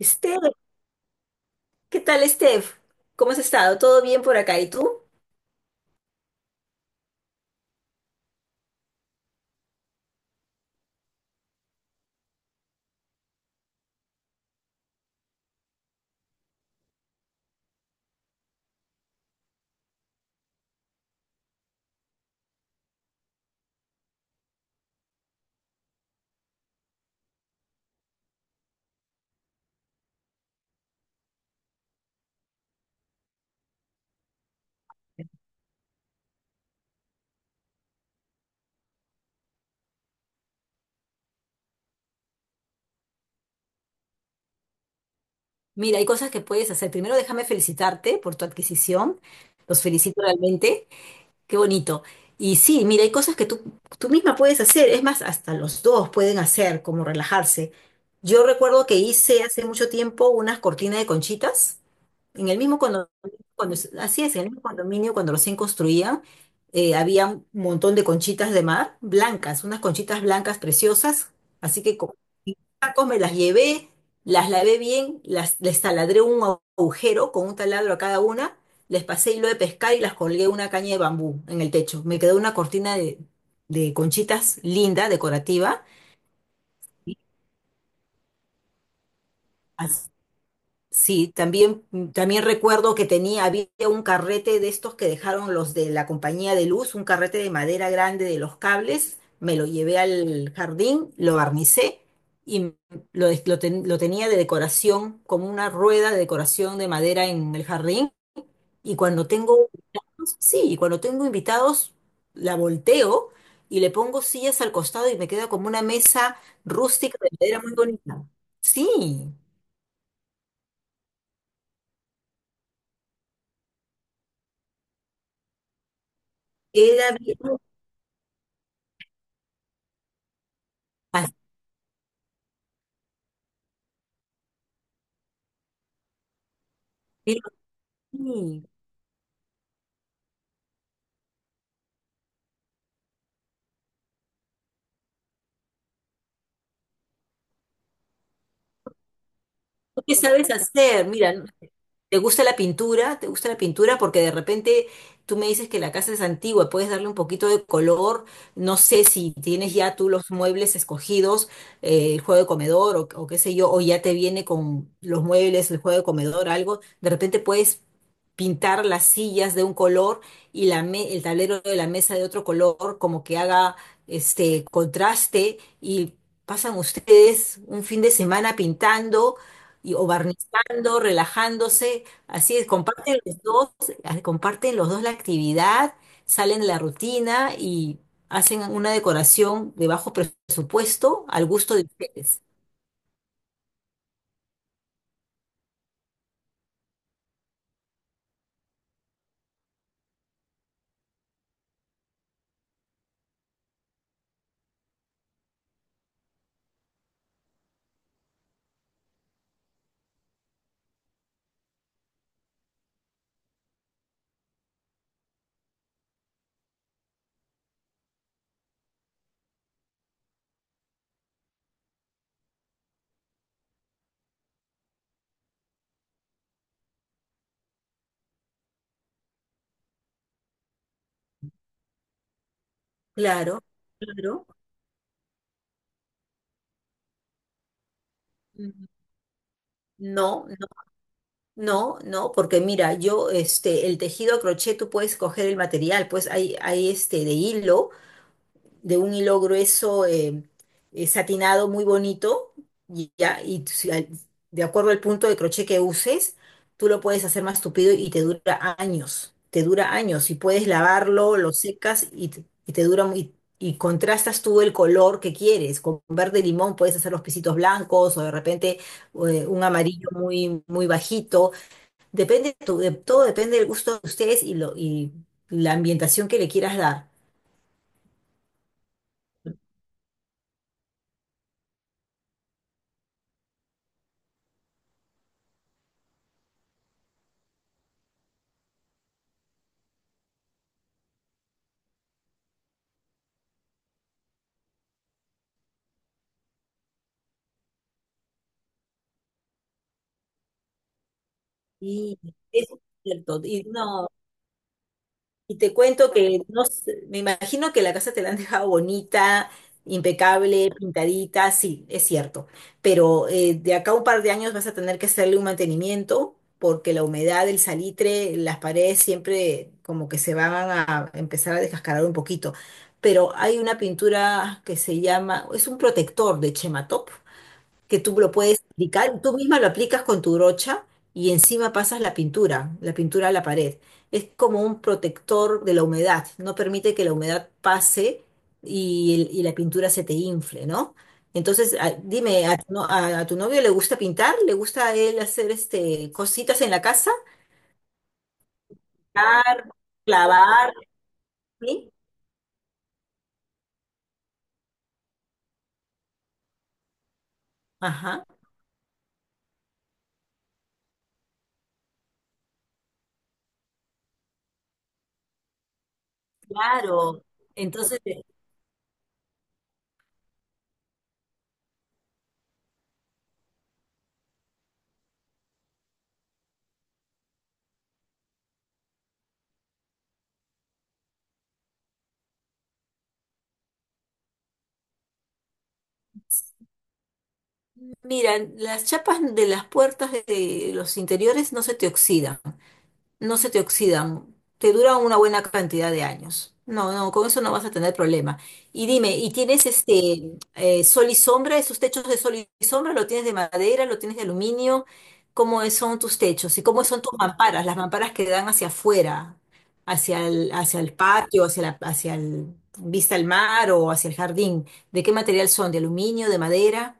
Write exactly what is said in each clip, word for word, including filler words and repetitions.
Steph, ¿qué tal, Steph? ¿Cómo has estado? ¿Todo bien por acá? ¿Y tú? Mira, hay cosas que puedes hacer. Primero, déjame felicitarte por tu adquisición. Los felicito realmente. Qué bonito. Y sí, mira, hay cosas que tú, tú misma puedes hacer, es más, hasta los dos pueden hacer, como relajarse. Yo recuerdo que hice hace mucho tiempo unas cortinas de conchitas en el mismo condominio, cuando, así es, en el mismo condominio, cuando recién construían, eh, había un montón de conchitas de mar, blancas, unas conchitas blancas preciosas, así que con tacos me las llevé, las lavé bien, las, les taladré un agujero con un taladro a cada una, les pasé hilo de pescar y las colgué una caña de bambú en el techo. Me quedó una cortina de, de conchitas linda, decorativa. As- Sí, también, también recuerdo que tenía, había un carrete de estos que dejaron los de la compañía de luz, un carrete de madera grande de los cables, me lo llevé al jardín, lo barnicé y lo, des- lo ten- lo tenía de decoración, como una rueda de decoración de madera en el jardín. Y cuando tengo invitados, sí, y cuando tengo invitados, la volteo y le pongo sillas al costado y me queda como una mesa rústica de madera muy bonita. Sí, queda bien. Así, sí. ¿Tú qué sabes hacer? Mira, ¿te gusta la pintura? ¿Te gusta la pintura? Porque de repente tú me dices que la casa es antigua, puedes darle un poquito de color. No sé si tienes ya tú los muebles escogidos, eh, el juego de comedor o, o qué sé yo, o ya te viene con los muebles, el juego de comedor, algo. De repente puedes pintar las sillas de un color y la me- el tablero de la mesa de otro color, como que haga este contraste y pasan ustedes un fin de semana pintando y, o barnizando, relajándose, así es, comparten los dos, ah, comparten los dos la actividad, salen de la rutina y hacen una decoración de bajo presupuesto al gusto de ustedes. Claro, claro. Ujú. No, no, no, no, porque mira, yo, este, el tejido a crochet, tú puedes coger el material, pues hay, hay este de hilo, de un hilo grueso, eh, eh, satinado muy bonito y ya y tú si al- de acuerdo al punto de crochet que uses, tú lo puedes hacer más tupido y te dura años, te dura años y puedes lavarlo, lo secas y, te y te dura muy, y contrastas tú el color que quieres. Con verde limón puedes hacer los pisitos blancos o de repente eh, un amarillo muy muy bajito. Depende tu- de- todo depende del gusto de ustedes y lo y la ambientación que le quieras dar. Y eso es cierto. Y no, y te cuento que no sé, me imagino que la casa te la han dejado bonita, impecable, pintadita, sí, es cierto. Pero eh, de acá a un par de años vas a tener que hacerle un mantenimiento porque la humedad del salitre, las paredes siempre como que se van a empezar a descascarar un poquito. Pero hay una pintura que se llama, es un protector de Chematop, que tú lo puedes aplicar, tú misma lo aplicas con tu brocha y encima pasas la pintura, la pintura a la pared. Es como un protector de la humedad, no permite que la humedad pase y, el- y la pintura se te infle, ¿no? Entonces, a- dime, ¿a tu, no- a- a tu novio le gusta pintar? ¿Le gusta a él hacer este, cositas en la casa? Pintar, clavar, ¿sí? Ajá, claro. Entonces, mira, las chapas de las puertas de de los interiores no se te oxidan, no se te oxidan, te duran una buena cantidad de años. No, no, con eso no vas a tener problema. Y dime, ¿y tienes este, eh, sol y sombra? ¿Esos techos de sol y sombra lo tienes de madera, lo tienes de aluminio? ¿Cómo es- son tus techos? ¿Y cómo son tus mamparas? Las mamparas que dan hacia afuera, hacia el, hacia el patio, hacia la, hacia el vista al mar o hacia el jardín. ¿De qué material son? ¿De aluminio, de madera?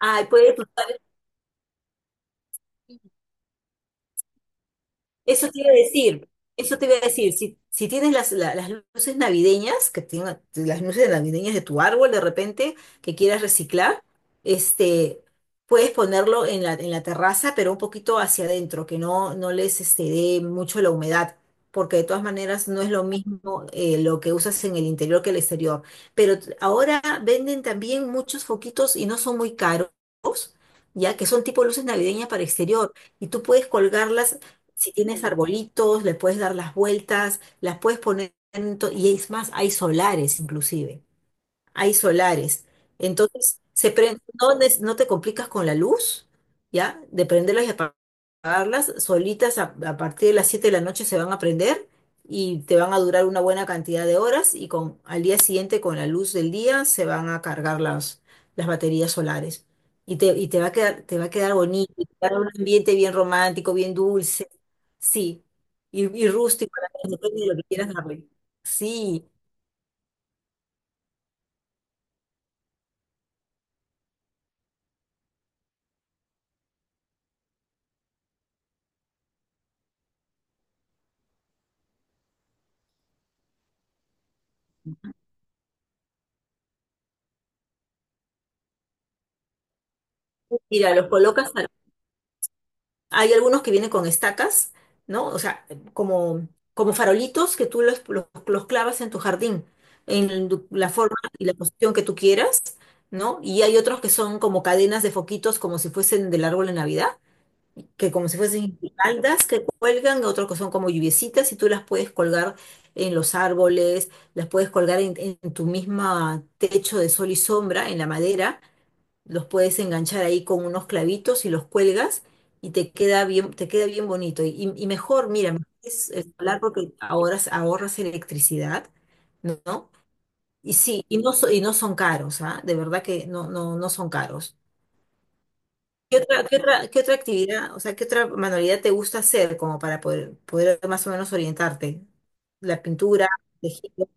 Ay, puedes usar. Eso te iba a decir, eso te iba a decir, si, si tienes las, la- las luces navideñas, que tenga- las luces navideñas de tu árbol de repente, que quieras reciclar, este, puedes ponerlo en la, en la terraza, pero un poquito hacia adentro, que no, no les este, dé mucho la humedad, porque de todas maneras no es lo mismo eh, lo que usas en el interior que el exterior. Pero t- ahora venden también muchos foquitos y no son muy caros, ya que son tipo luces navideñas para exterior, y tú puedes colgarlas. Si tienes arbolitos, le puedes dar las vueltas, las puedes poner, en to- y es más, hay solares inclusive, hay solares. Entonces, se prend- no, nes- no te complicas con la luz, ¿ya? De prenderlos y pagarlas, solitas a, a partir de las siete de la noche se van a aprender y te van a durar una buena cantidad de horas y con, al día siguiente con la luz del día se van a cargar las, las baterías solares. Y te, y te va a quedar, te va a quedar bonito, y te va a dar un ambiente bien romántico, bien dulce, sí, y, y rústico, depende de lo que quieras darle. Sí, mira, los colocas. Hay algunos que vienen con estacas, ¿no? O sea, como, como farolitos que tú los, los, los clavas en tu jardín, en tu- la forma y la posición que tú quieras, ¿no? Y hay otros que son como cadenas de foquitos, como si fuesen del árbol de Navidad, que como si fuesen guirnaldas que cuelgan, otros que son como lluviecitas y tú las puedes colgar en los árboles, las puedes colgar en, en tu misma techo de sol y sombra, en la madera los puedes enganchar ahí con unos clavitos y los cuelgas y te queda bien, te queda bien bonito. Y, y- y mejor, mira, mejor es el solar porque ahorras, ahorras electricidad, ¿no? Y sí, y no, so- y no son caros, ¿ah? De verdad que no, no, no son caros. ¿Qué otra, qué otra, qué otra actividad, o sea, qué otra manualidad te gusta hacer como para poder, poder más o menos orientarte? La pintura, tejido.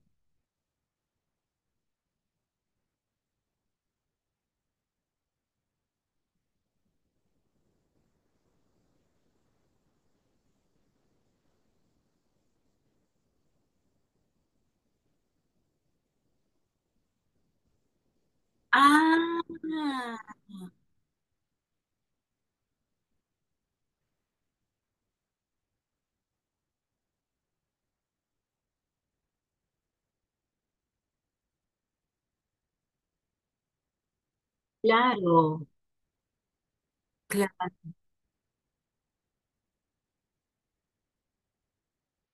Ah, claro.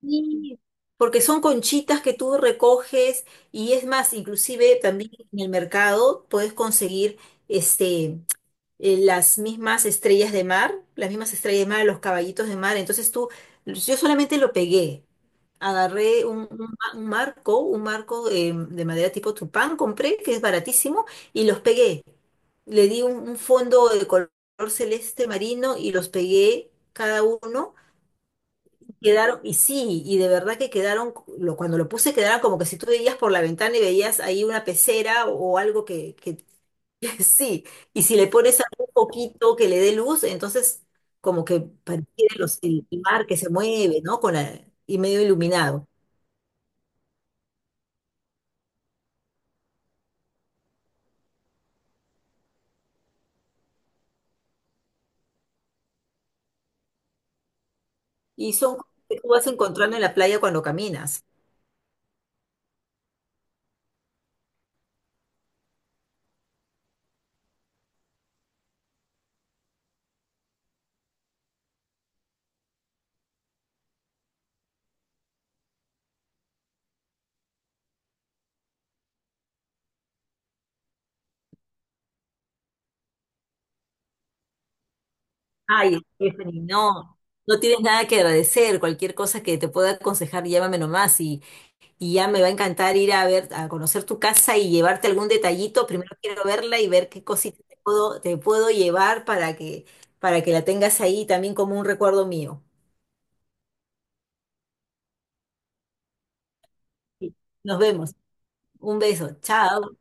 Sí, porque son conchitas que tú recoges y es más, inclusive también en el mercado puedes conseguir este, eh, las mismas estrellas de mar, las mismas estrellas de mar, los caballitos de mar. Entonces tú, yo solamente lo pegué. Agarré un, un ma- un marco, un marco, eh, de madera tipo tupán, compré, que es baratísimo, y los pegué. Le di un, un fondo de color celeste marino y los pegué cada uno. Quedaron, y sí, y de verdad que quedaron, lo, cuando lo puse quedaron como que si tú veías por la ventana y veías ahí una pecera o, algo que, que, sí, y si le pones algún poquito que le dé luz, entonces como que pareciera los, el mar que se mueve, ¿no? Con la- y medio iluminado. Y son cosas que tú vas encontrando en la playa cuando caminas. Ay, Stephanie, no, no tienes nada que agradecer, cualquier cosa que te pueda aconsejar, llámame nomás. y, Y ya me va a encantar ir a ver, a conocer tu casa y llevarte algún detallito. Primero quiero verla y ver qué cosita te puedo, te puedo llevar para que, para que la tengas ahí también como un recuerdo mío. Sí. Nos vemos. Un beso. Chao.